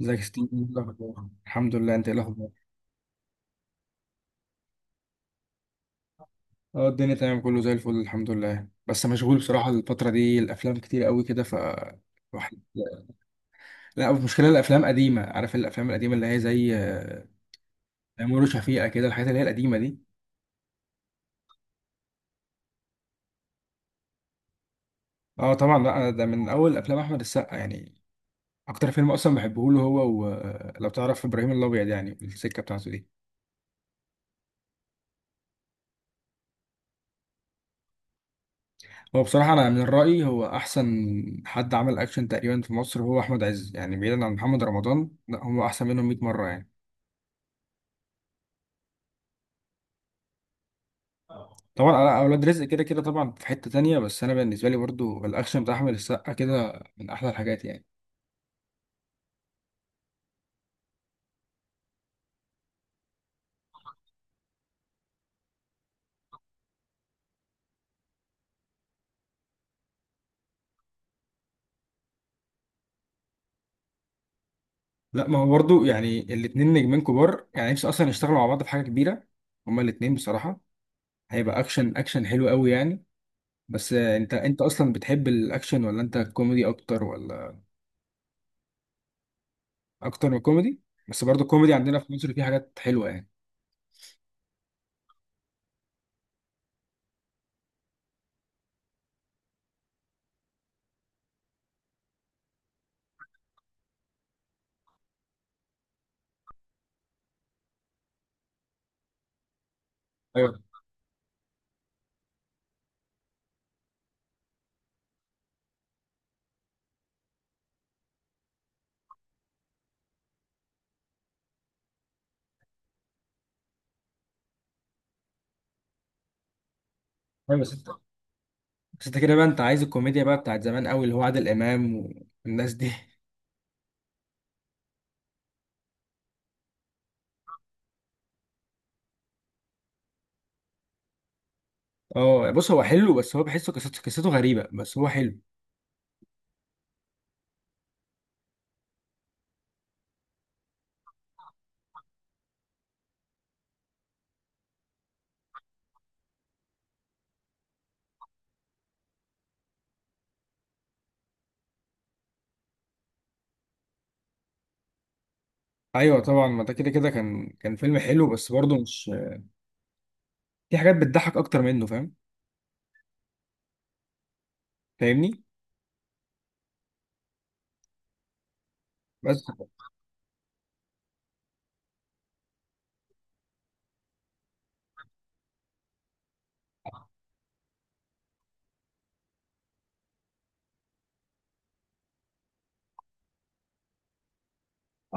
ازيك يا ستيف، ايه الاخبار؟ الحمد لله. انت ايه الاخبار؟ اه، الدنيا تمام، كله زي الفل الحمد لله. بس مشغول بصراحه الفتره دي، الافلام كتير قوي كده، ف الواحد. لا المشكله الافلام قديمه، عارف، الافلام القديمه اللي هي زي تيمور وشفيقه كده، الحاجات اللي هي القديمه دي. اه طبعا. لا أنا ده من اول افلام احمد السقا يعني. اكتر فيلم اصلا بحبه له هو، ولو تعرف ابراهيم الابيض، يعني السكه بتاعته دي. هو بصراحه، انا من رايي هو احسن حد عمل اكشن تقريبا في مصر هو احمد عز، يعني بعيدا عن محمد رمضان لا هو احسن منهم 100 مره يعني. طبعا انا اولاد رزق كده كده طبعا في حتة تانية، بس انا بالنسبة لي برضو الاكشن بتاع احمد السقا كده من احلى الحاجات يعني. لا ما هو برضو يعني الاتنين نجمين كبار يعني، نفسي اصلا يشتغلوا مع بعض في حاجة كبيرة هما الاتنين بصراحة. هيبقى اكشن اكشن حلو قوي يعني. بس انت اصلا بتحب الاكشن ولا انت كوميدي اكتر ولا؟ اكتر من كوميدي. بس برضو الكوميدي عندنا في مصر فيه حاجات حلوة يعني. ايوه، ايوه. بس انت كده بقى، انت عايز الكوميديا بقى بتاعت زمان قوي اللي هو عادل امام والناس دي. اه بص، هو حلو بس هو بحسه قصته غريبة، بس هو حلو. ايوه طبعا، ما ده كده كده كان فيلم حلو، بس برضه مش في حاجات بتضحك اكتر منه. فاهم؟ فاهمني. بس.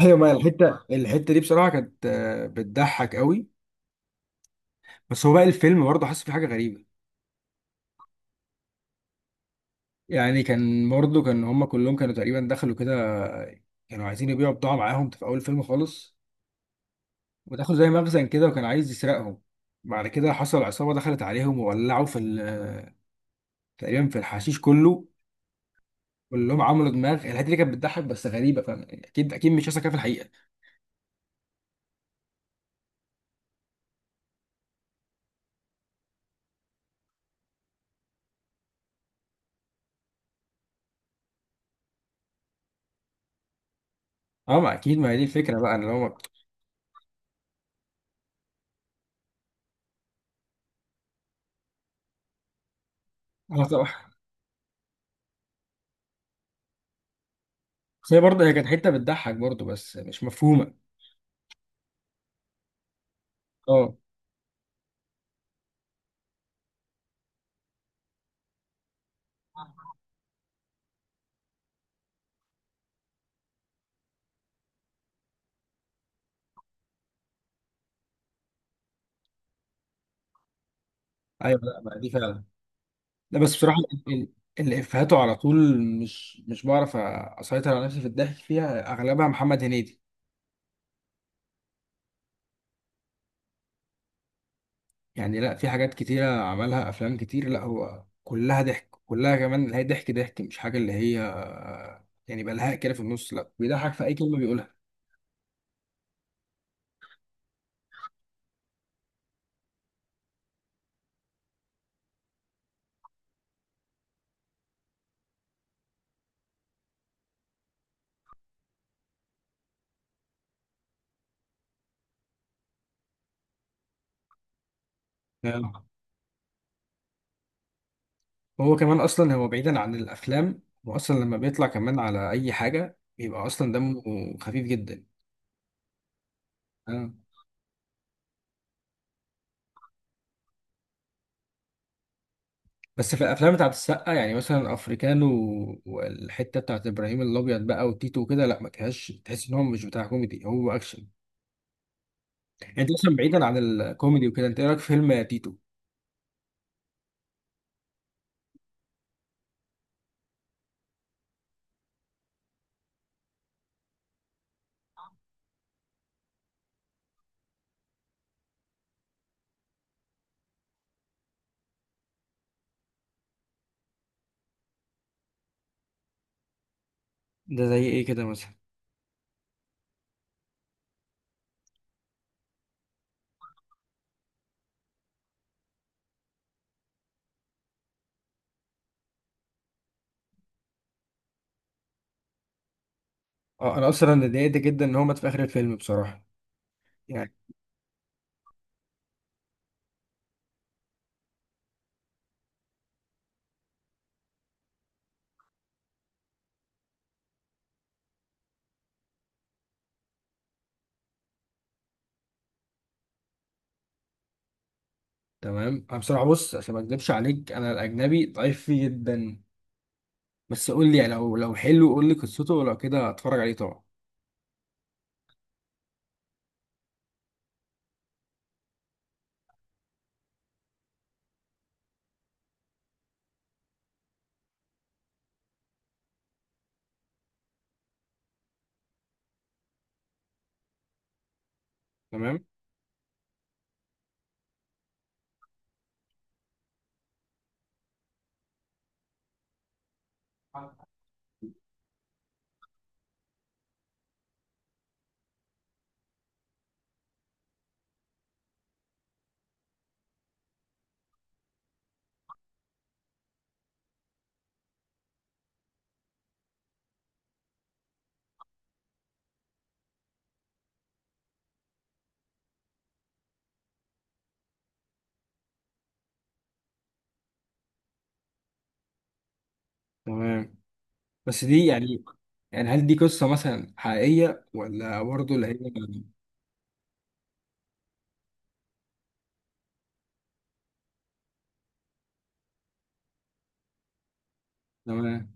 ايوه، ما الحتة دي بصراحة كانت بتضحك قوي. بس هو بقى الفيلم برضه حاسس في حاجة غريبة. يعني كان برضه كان هما كلهم كانوا تقريبا دخلوا كده، كانوا عايزين يبيعوا بضاعة معاهم في اول الفيلم خالص. ودخلوا زي مخزن كده وكان عايز يسرقهم. بعد كده حصل عصابة دخلت عليهم وولعوا في تقريبا في الحشيش كله، كلهم عملوا دماغ. الحته دي كانت بتضحك بس غريبه. فاهم؟ اكيد اكيد مش هيحصل كده في الحقيقه. اه ما اكيد، ما هي دي الفكره بقى، ان هو. اه طبعا. بس هي برضه هي كانت حته بتضحك برضه، بس مش مفهومه. اه، ايوه، لا ما دي فعلا. لا بس بصراحه اللي افهاته على طول مش بعرف اسيطر على نفسي في الضحك فيها، اغلبها محمد هنيدي. يعني لا، في حاجات كتيره عملها افلام كتير، لا هو كلها ضحك، كلها كمان اللي هي ضحك ضحك، مش حاجه اللي هي يعني بلهاء كده في النص، لا بيضحك في اي كلمه بيقولها. آه. هو كمان اصلا، هو بعيدا عن الافلام، هو اصلا لما بيطلع كمان على اي حاجه بيبقى اصلا دمه خفيف جدا. آه. بس في الافلام بتاعت السقا يعني مثلا افريكانو والحته بتاعت ابراهيم الابيض بقى وتيتو وكده، لا ما كانش تحس ان هو مش بتاع كوميدي، هو اكشن. يعني انت اصلا بعيدا عن الكوميدي وكده، انت ايه رايك في فيلم تيتو؟ ده زي ايه كده مثلا؟ اه انا اصلا اتضايقت جدا ان هو مات في اخر الفيلم بصراحه، يعني. تمام. انا بصراحه، بص، عشان ما اكذبش عليك انا الاجنبي ضعيف فيه جدا، بس قول لي يعني لو حلو، قول لي قصته ولو كده اتفرج عليه طبعا. تمام. تمام. بس دي يعني هل دي قصة مثلا حقيقية، ولا برضه اللي هي؟ تمام.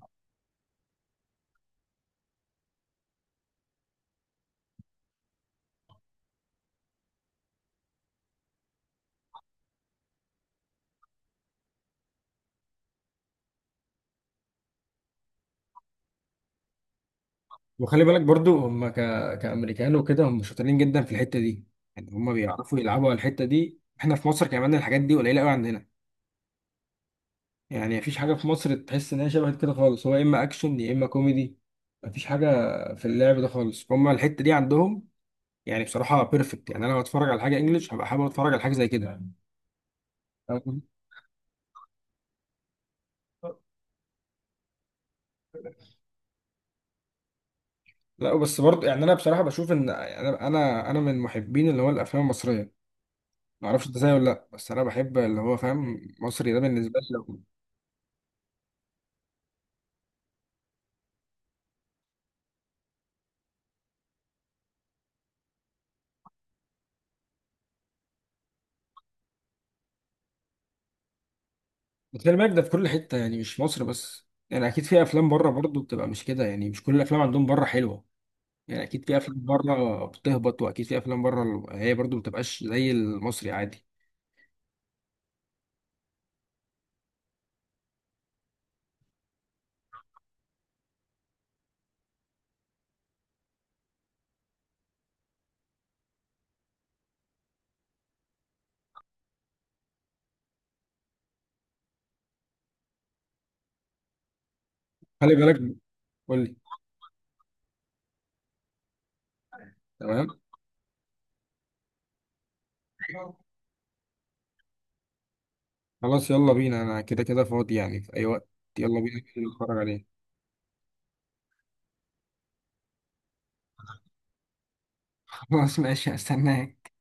وخلي بالك برضه هم كأمريكان وكده، هم شاطرين جدا في الحتة دي. يعني هم بيعرفوا يلعبوا على الحتة دي، احنا في مصر كمان الحاجات دي قليلة قوي عندنا. يعني مفيش حاجة في مصر تحس ان هي شبه كده خالص، هو يا اما اكشن يا اما كوميدي، مفيش حاجة في اللعب ده خالص، هم الحتة دي عندهم. يعني بصراحه بيرفكت، يعني انا لو اتفرج على حاجه انجليش هبقى حابب اتفرج على حاجه زي كده. فاهم قصدي؟ لا بس برضه يعني، انا بصراحه بشوف ان انا من محبين اللي هو الافلام المصريه. ما اعرفش انت زيي ولا لا، بس انا بحب اللي هو فاهم مصري ده بالنسبه لي لو. خلي بالك ده في كل حته يعني مش مصر بس، يعني اكيد في افلام بره برضه بتبقى مش كده، يعني مش كل الافلام عندهم بره حلوه. يعني اكيد في افلام بره بتهبط، واكيد في افلام بره هي برضه ما بتبقاش زي المصري عادي. خلي بالك. قول لي. تمام خلاص، يلا بينا، انا كده كده فاضي يعني في اي وقت. يلا بينا نتفرج عليه. خلاص ماشي، هستناك.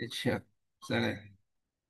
اتشاف. سلام.